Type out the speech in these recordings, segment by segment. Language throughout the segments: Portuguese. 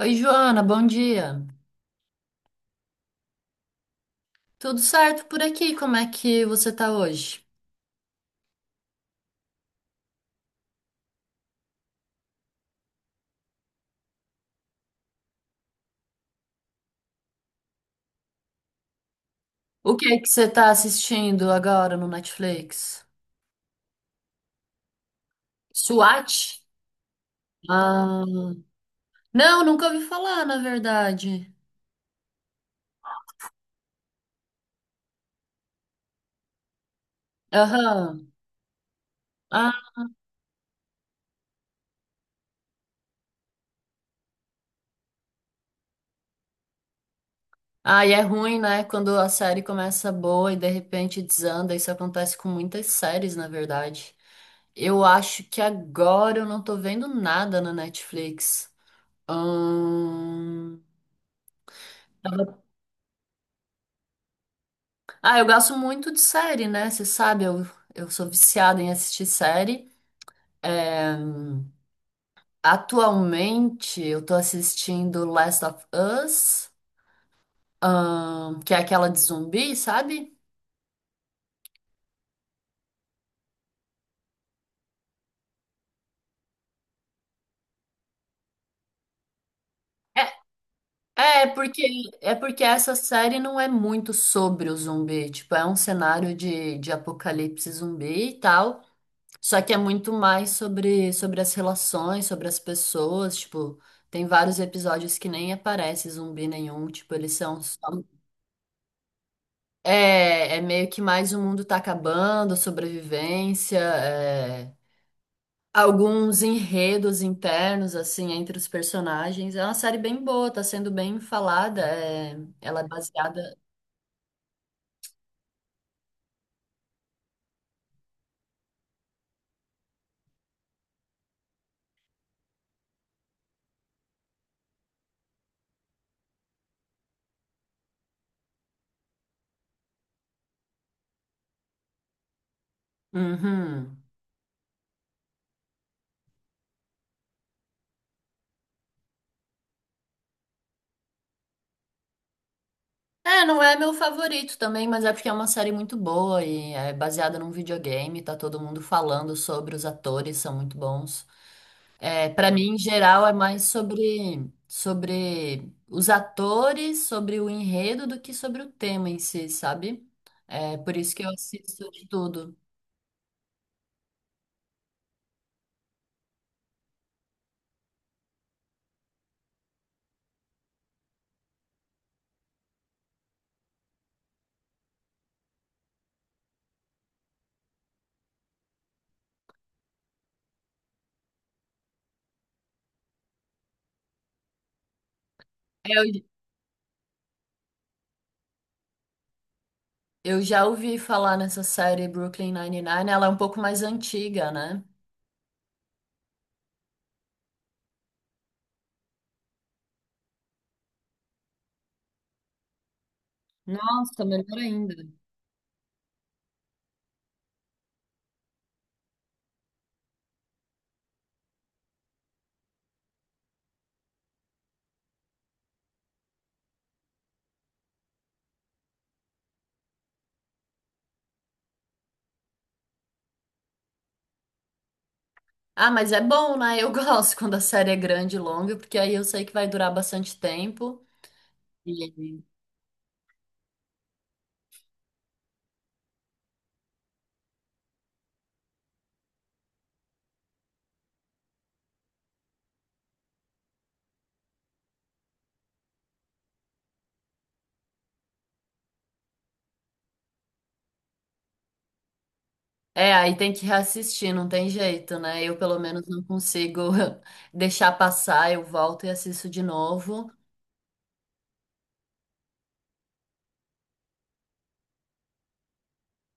Oi, Joana, bom dia. Tudo certo por aqui? Como é que você tá hoje? O que é que você tá assistindo agora no Netflix? SWAT? Ah, não, nunca ouvi falar, na verdade. Aham. Ah, ah, e é ruim, né? Quando a série começa boa e de repente desanda. Isso acontece com muitas séries, na verdade. Eu acho que agora eu não tô vendo nada na Netflix. Ahn, Ah, eu gosto muito de série, né? Você sabe, eu sou viciada em assistir série. É, atualmente, eu tô assistindo Last of Us, que é aquela de zumbi, sabe? É, é é porque, É porque essa série não é muito sobre o zumbi, tipo, é um cenário de apocalipse zumbi e tal, só que é muito mais sobre as relações, sobre as pessoas, tipo, tem vários episódios que nem aparece zumbi nenhum, tipo, eles são só. É meio que mais o mundo tá acabando, sobrevivência, é, alguns enredos internos, assim, entre os personagens. É uma série bem boa, tá sendo bem falada. Ela é baseada. Uhum. É, não é meu favorito também, mas é porque é uma série muito boa e é baseada num videogame, tá todo mundo falando sobre, os atores são muito bons. É, para mim, em geral, é mais sobre os atores, sobre o enredo, do que sobre o tema em si, sabe? É por isso que eu assisto de tudo. É, eu já ouvi falar nessa série Brooklyn Nine-Nine, ela é um pouco mais antiga, né? Nossa, melhor ainda. Ah, mas é bom, né? Eu gosto quando a série é grande e longa, porque aí eu sei que vai durar bastante tempo. É, aí tem que reassistir, não tem jeito, né? Eu pelo menos não consigo deixar passar, eu volto e assisto de novo.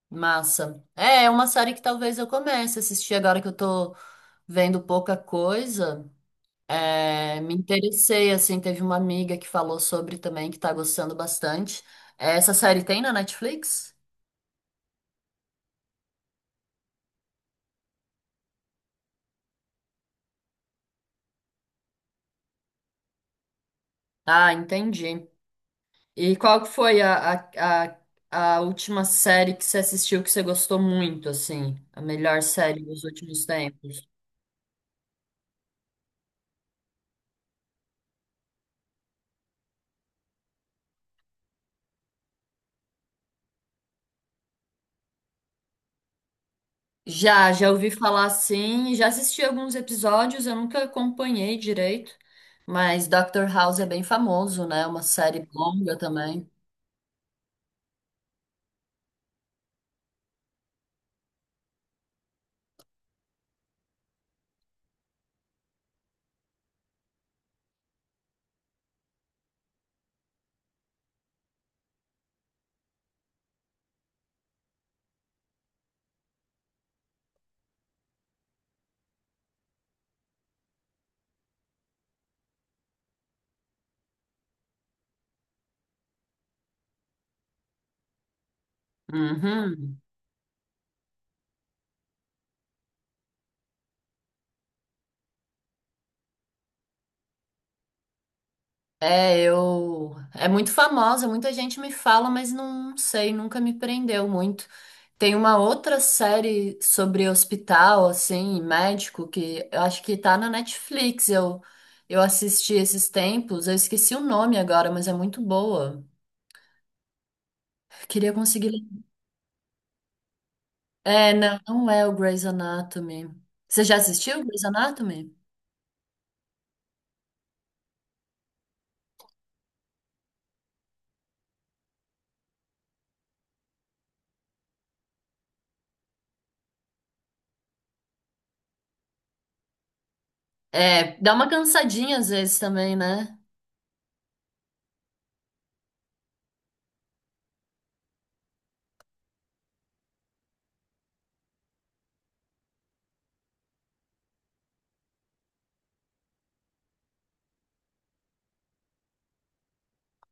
Massa. É, é uma série que talvez eu comece a assistir agora que eu tô vendo pouca coisa. É, me interessei, assim, teve uma amiga que falou sobre também, que tá gostando bastante. É, essa série tem na Netflix? Ah, entendi. E qual que foi a última série que você assistiu que você gostou muito, assim? A melhor série dos últimos tempos? Já ouvi falar assim, já assisti alguns episódios, eu nunca acompanhei direito, mas Dr. House é bem famoso, né? Uma série longa também. Uhum. É, eu. É muito famosa, muita gente me fala, mas não sei, nunca me prendeu muito. Tem uma outra série sobre hospital, assim, e médico, que eu acho que tá na Netflix. Eu assisti esses tempos, eu esqueci o nome agora, mas é muito boa. Queria conseguir. É, não, não é o Grey's Anatomy. Você já assistiu o Grey's Anatomy? É, dá uma cansadinha às vezes também, né?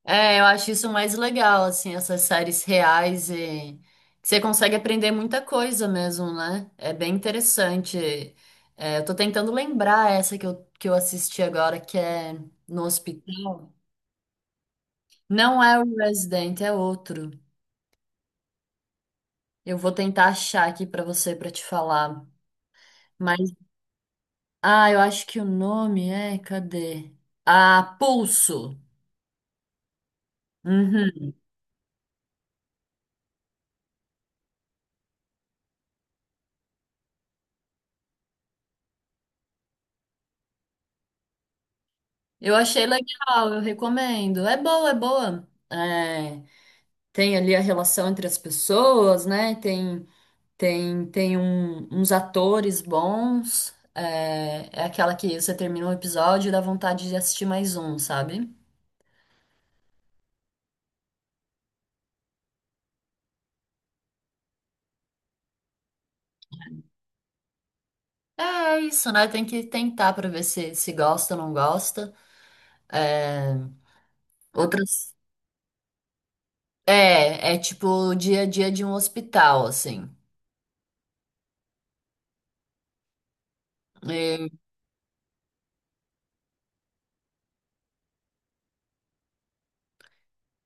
É, eu acho isso mais legal, assim, essas séries reais e que você consegue aprender muita coisa mesmo, né? É bem interessante. É, eu tô tentando lembrar essa que eu assisti agora, que é no hospital. Não é o Resident, é outro. Eu vou tentar achar aqui pra você, pra te falar. Mas, ah, eu acho que o nome é, cadê? Ah, Pulso. Uhum. Eu achei legal, eu recomendo. É boa, é boa. É. Tem ali a relação entre as pessoas, né? Tem uns atores bons. É, é aquela que você termina um episódio e dá vontade de assistir mais um, sabe? É isso, né? Tem que tentar pra ver se gosta ou não gosta. É, outras é tipo o dia a dia de um hospital, assim. E-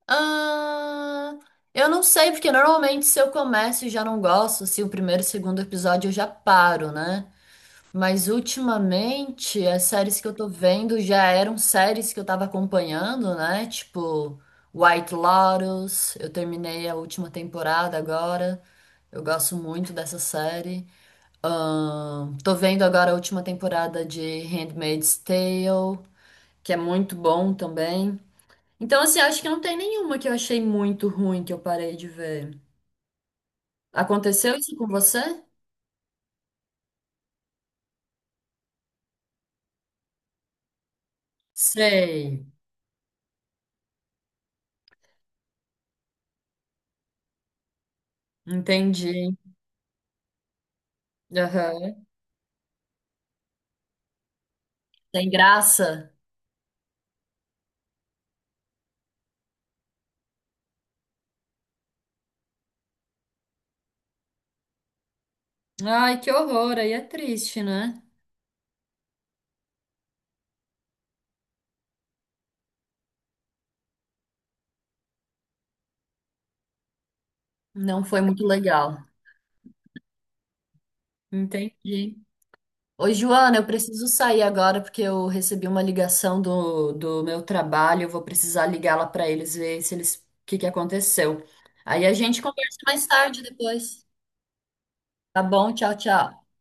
ah, eu não sei, porque normalmente se eu começo e já não gosto, se o primeiro e o segundo episódio eu já paro, né? Mas ultimamente, as séries que eu tô vendo já eram séries que eu tava acompanhando, né? Tipo, White Lotus, eu terminei a última temporada agora. Eu gosto muito dessa série. Tô vendo agora a última temporada de Handmaid's Tale, que é muito bom também. Então, assim, acho que não tem nenhuma que eu achei muito ruim que eu parei de ver. Aconteceu isso com você? Sei, entendi. Aham. Tem graça? Ai, que horror, aí é triste, né? Não foi muito legal. Entendi. Oi, Joana, eu preciso sair agora porque eu recebi uma ligação do meu trabalho. Eu vou precisar ligá-la para eles ver se o que que aconteceu. Aí a gente conversa mais tarde depois. Tá bom? Tchau, tchau.